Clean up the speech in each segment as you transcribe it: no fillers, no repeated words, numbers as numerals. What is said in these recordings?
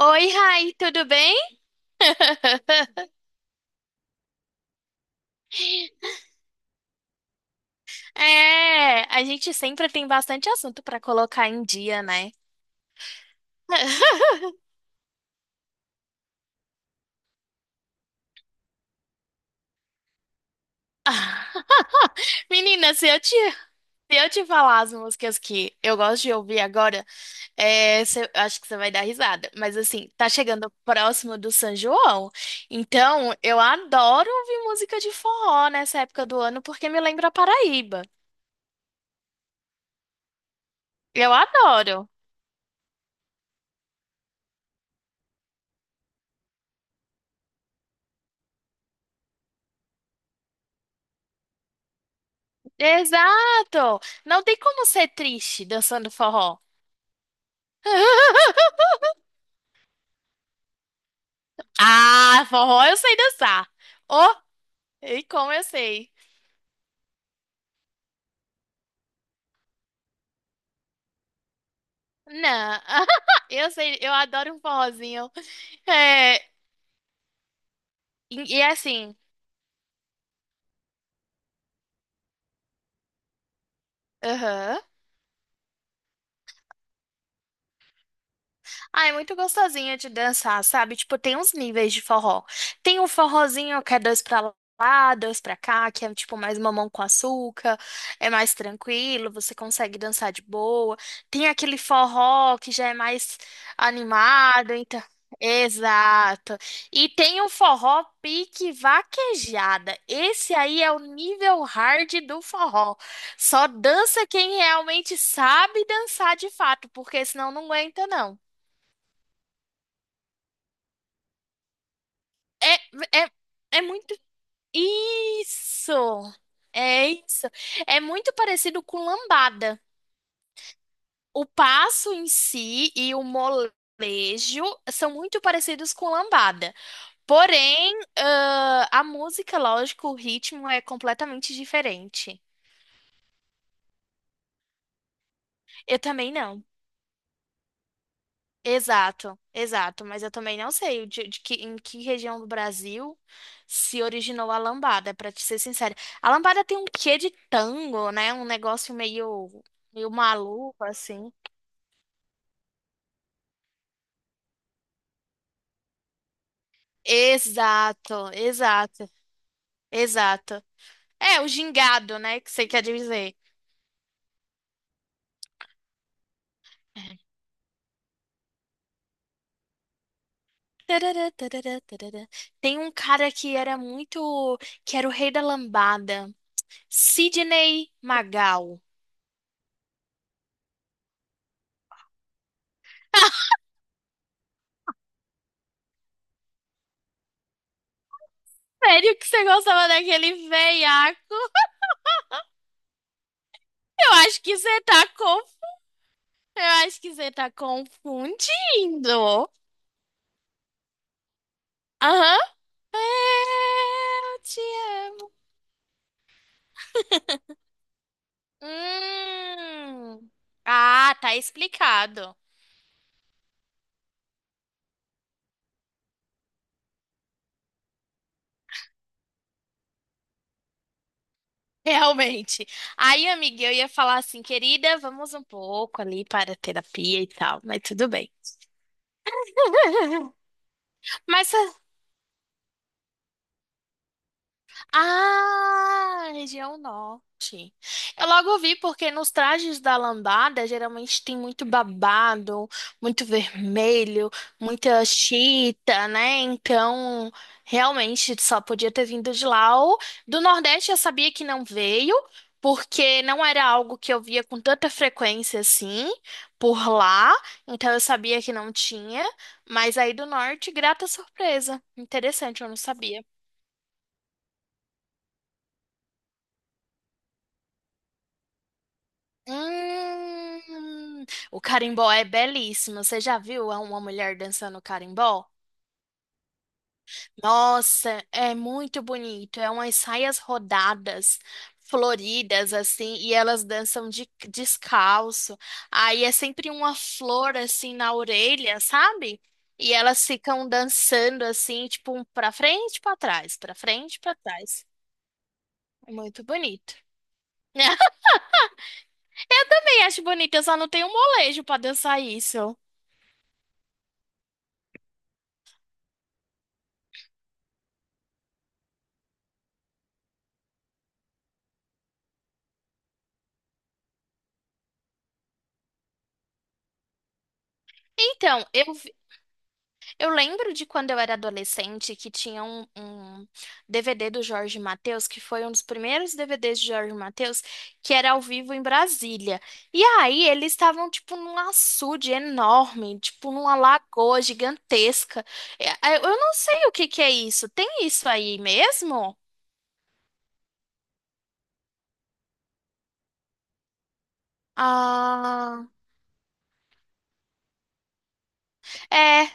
Oi, Rai, tudo bem? É, a gente sempre tem bastante assunto para colocar em dia, né? Menina, se eu te falar as músicas que eu gosto de ouvir agora, acho que você vai dar risada. Mas assim, tá chegando próximo do São João. Então, eu adoro ouvir música de forró nessa época do ano, porque me lembra a Paraíba. Eu adoro. Exato! Não tem como ser triste dançando forró. Ah, forró eu sei dançar. Oh, e como eu sei. Não, eu sei, eu adoro um forrozinho. É, e é assim, aham. Ah, é muito gostosinha de dançar, sabe? Tipo, tem uns níveis de forró. Tem o forrozinho que é dois pra lá, dois pra cá, que é tipo mais mamão com açúcar, é mais tranquilo, você consegue dançar de boa. Tem aquele forró que já é mais animado, então. Exato. E tem o forró pique vaquejada. Esse aí é o nível hard do forró. Só dança quem realmente sabe dançar de fato, porque senão não aguenta, não. É, é, é muito. Isso! É isso. É muito parecido com lambada. O passo em si e o molejo são muito parecidos com lambada. Porém, a música, lógico, o ritmo é completamente diferente. Eu também não. Exato, mas eu também não sei em que região do Brasil se originou a lambada, pra te ser sincera. A lambada tem um quê de tango, né? Um negócio meio maluco, assim. Exato, exato, exato. É, o gingado, né? Que você quer dizer. Tarará, tarará, tarará. Tem um cara que era muito, que era o rei da lambada, Sidney Magal. Sério que você gostava daquele veiaco? Eu acho que você tá conf... Eu acho que você tá confundindo. Aham. Eu te amo. Hum. Ah, tá explicado. Realmente. Aí, amiga, eu ia falar assim, querida, vamos um pouco ali para a terapia e tal, mas tudo bem. Mas ah, região norte. Eu logo vi porque nos trajes da lambada geralmente tem muito babado, muito vermelho, muita chita, né? Então, realmente só podia ter vindo de lá. Ou do Nordeste eu sabia que não veio, porque não era algo que eu via com tanta frequência assim por lá. Então eu sabia que não tinha. Mas aí do Norte, grata surpresa. Interessante, eu não sabia. Hum, o carimbó é belíssimo. Você já viu uma mulher dançando carimbó? Nossa, é muito bonito. É umas saias rodadas, floridas, assim, e elas dançam de, descalço. Aí é sempre uma flor, assim, na orelha, sabe? E elas ficam dançando, assim, tipo, um pra frente, e pra trás, pra frente, e pra trás. É muito bonito. Eu também acho bonito, eu só não tenho molejo pra dançar isso. Então, eu Eu lembro de quando eu era adolescente que tinha um DVD do Jorge Mateus, que foi um dos primeiros DVDs de Jorge Mateus, que era ao vivo em Brasília. E aí eles estavam tipo num açude enorme, tipo numa lagoa gigantesca. Eu não sei o que que é isso. Tem isso aí mesmo? Ah, é,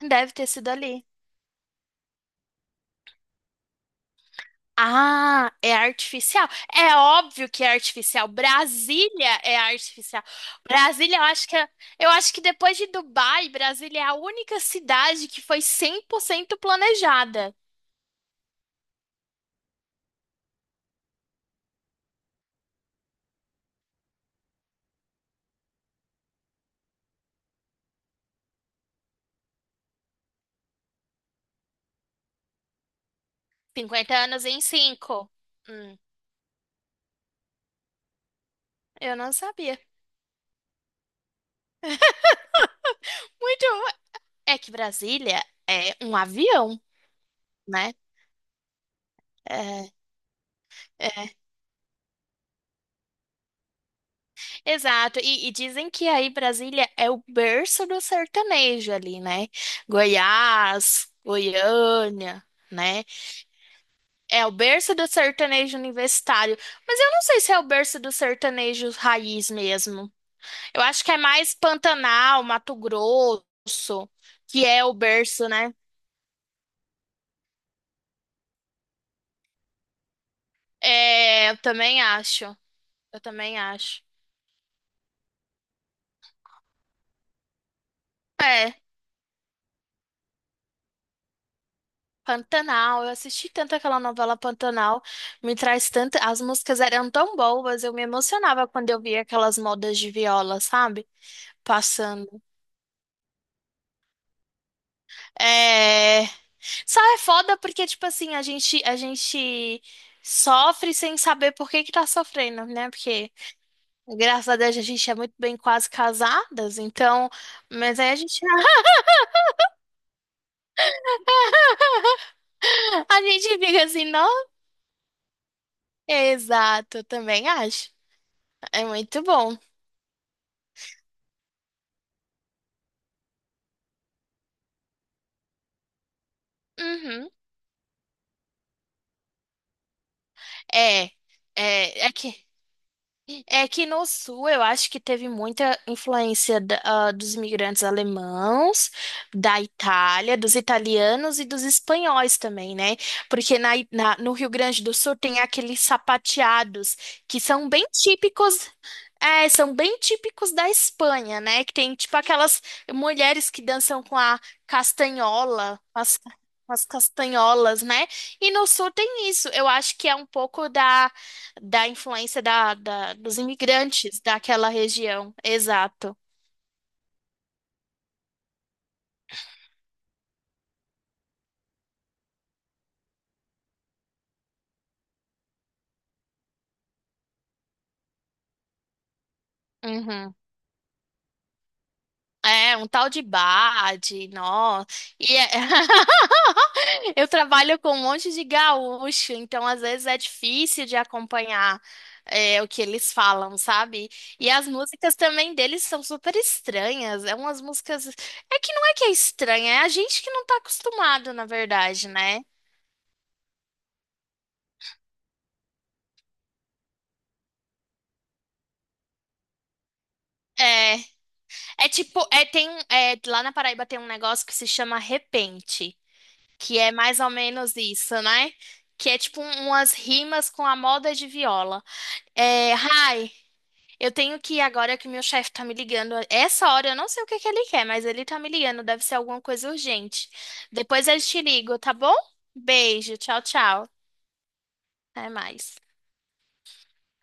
deve ter sido ali. Ah, é artificial. É óbvio que é artificial. Brasília é artificial. Brasília, eu acho que é- eu acho que depois de Dubai, Brasília é a única cidade que foi cem por cento planejada. 50 anos em 5. Hum, eu não sabia. Muito. É que Brasília é um avião, né? É, é, Exato, e dizem que aí Brasília é o berço do sertanejo ali, né? Goiás, Goiânia, né? É o berço do sertanejo universitário. Mas eu não sei se é o berço do sertanejo raiz mesmo. Eu acho que é mais Pantanal, Mato Grosso, que é o berço, né? É, eu também acho. Eu também acho. É, Pantanal. Eu assisti tanto aquela novela Pantanal. Me traz tanto. As músicas eram tão boas. Eu me emocionava quando eu via aquelas modas de viola, sabe? Passando. É. Só é foda porque, tipo assim, a gente sofre sem saber por que que tá sofrendo, né? Porque, graças a Deus, a gente é muito bem quase casadas, então. Mas aí a gente, a gente fica assim, não? Exato, eu também acho. É muito bom. Uhum. É, é, é que. É que no sul eu acho que teve muita influência dos imigrantes alemãos, da Itália, dos italianos e dos espanhóis também, né? Porque no Rio Grande do Sul tem aqueles sapateados que são bem típicos são bem típicos da Espanha, né? Que tem tipo aquelas mulheres que dançam com a castanhola, com as castanholas, né? E no sul tem isso. Eu acho que é um pouco da influência dos imigrantes daquela região. Exato. Uhum. É, um tal de Bade, nó. E é- eu trabalho com um monte de gaúcho, então às vezes é difícil de acompanhar o que eles falam, sabe? E as músicas também deles são super estranhas. É umas músicas. É que não é que é estranha, é a gente que não tá acostumado, na verdade, né? É, lá na Paraíba tem um negócio que se chama repente. Que é mais ou menos isso, né? Que é tipo umas rimas com a moda de viola. É, Rai, eu tenho que ir agora que meu chefe tá me ligando. Essa hora eu não sei o que que ele quer, mas ele tá me ligando, deve ser alguma coisa urgente. Depois eu te ligo, tá bom? Beijo, tchau, tchau. Até mais.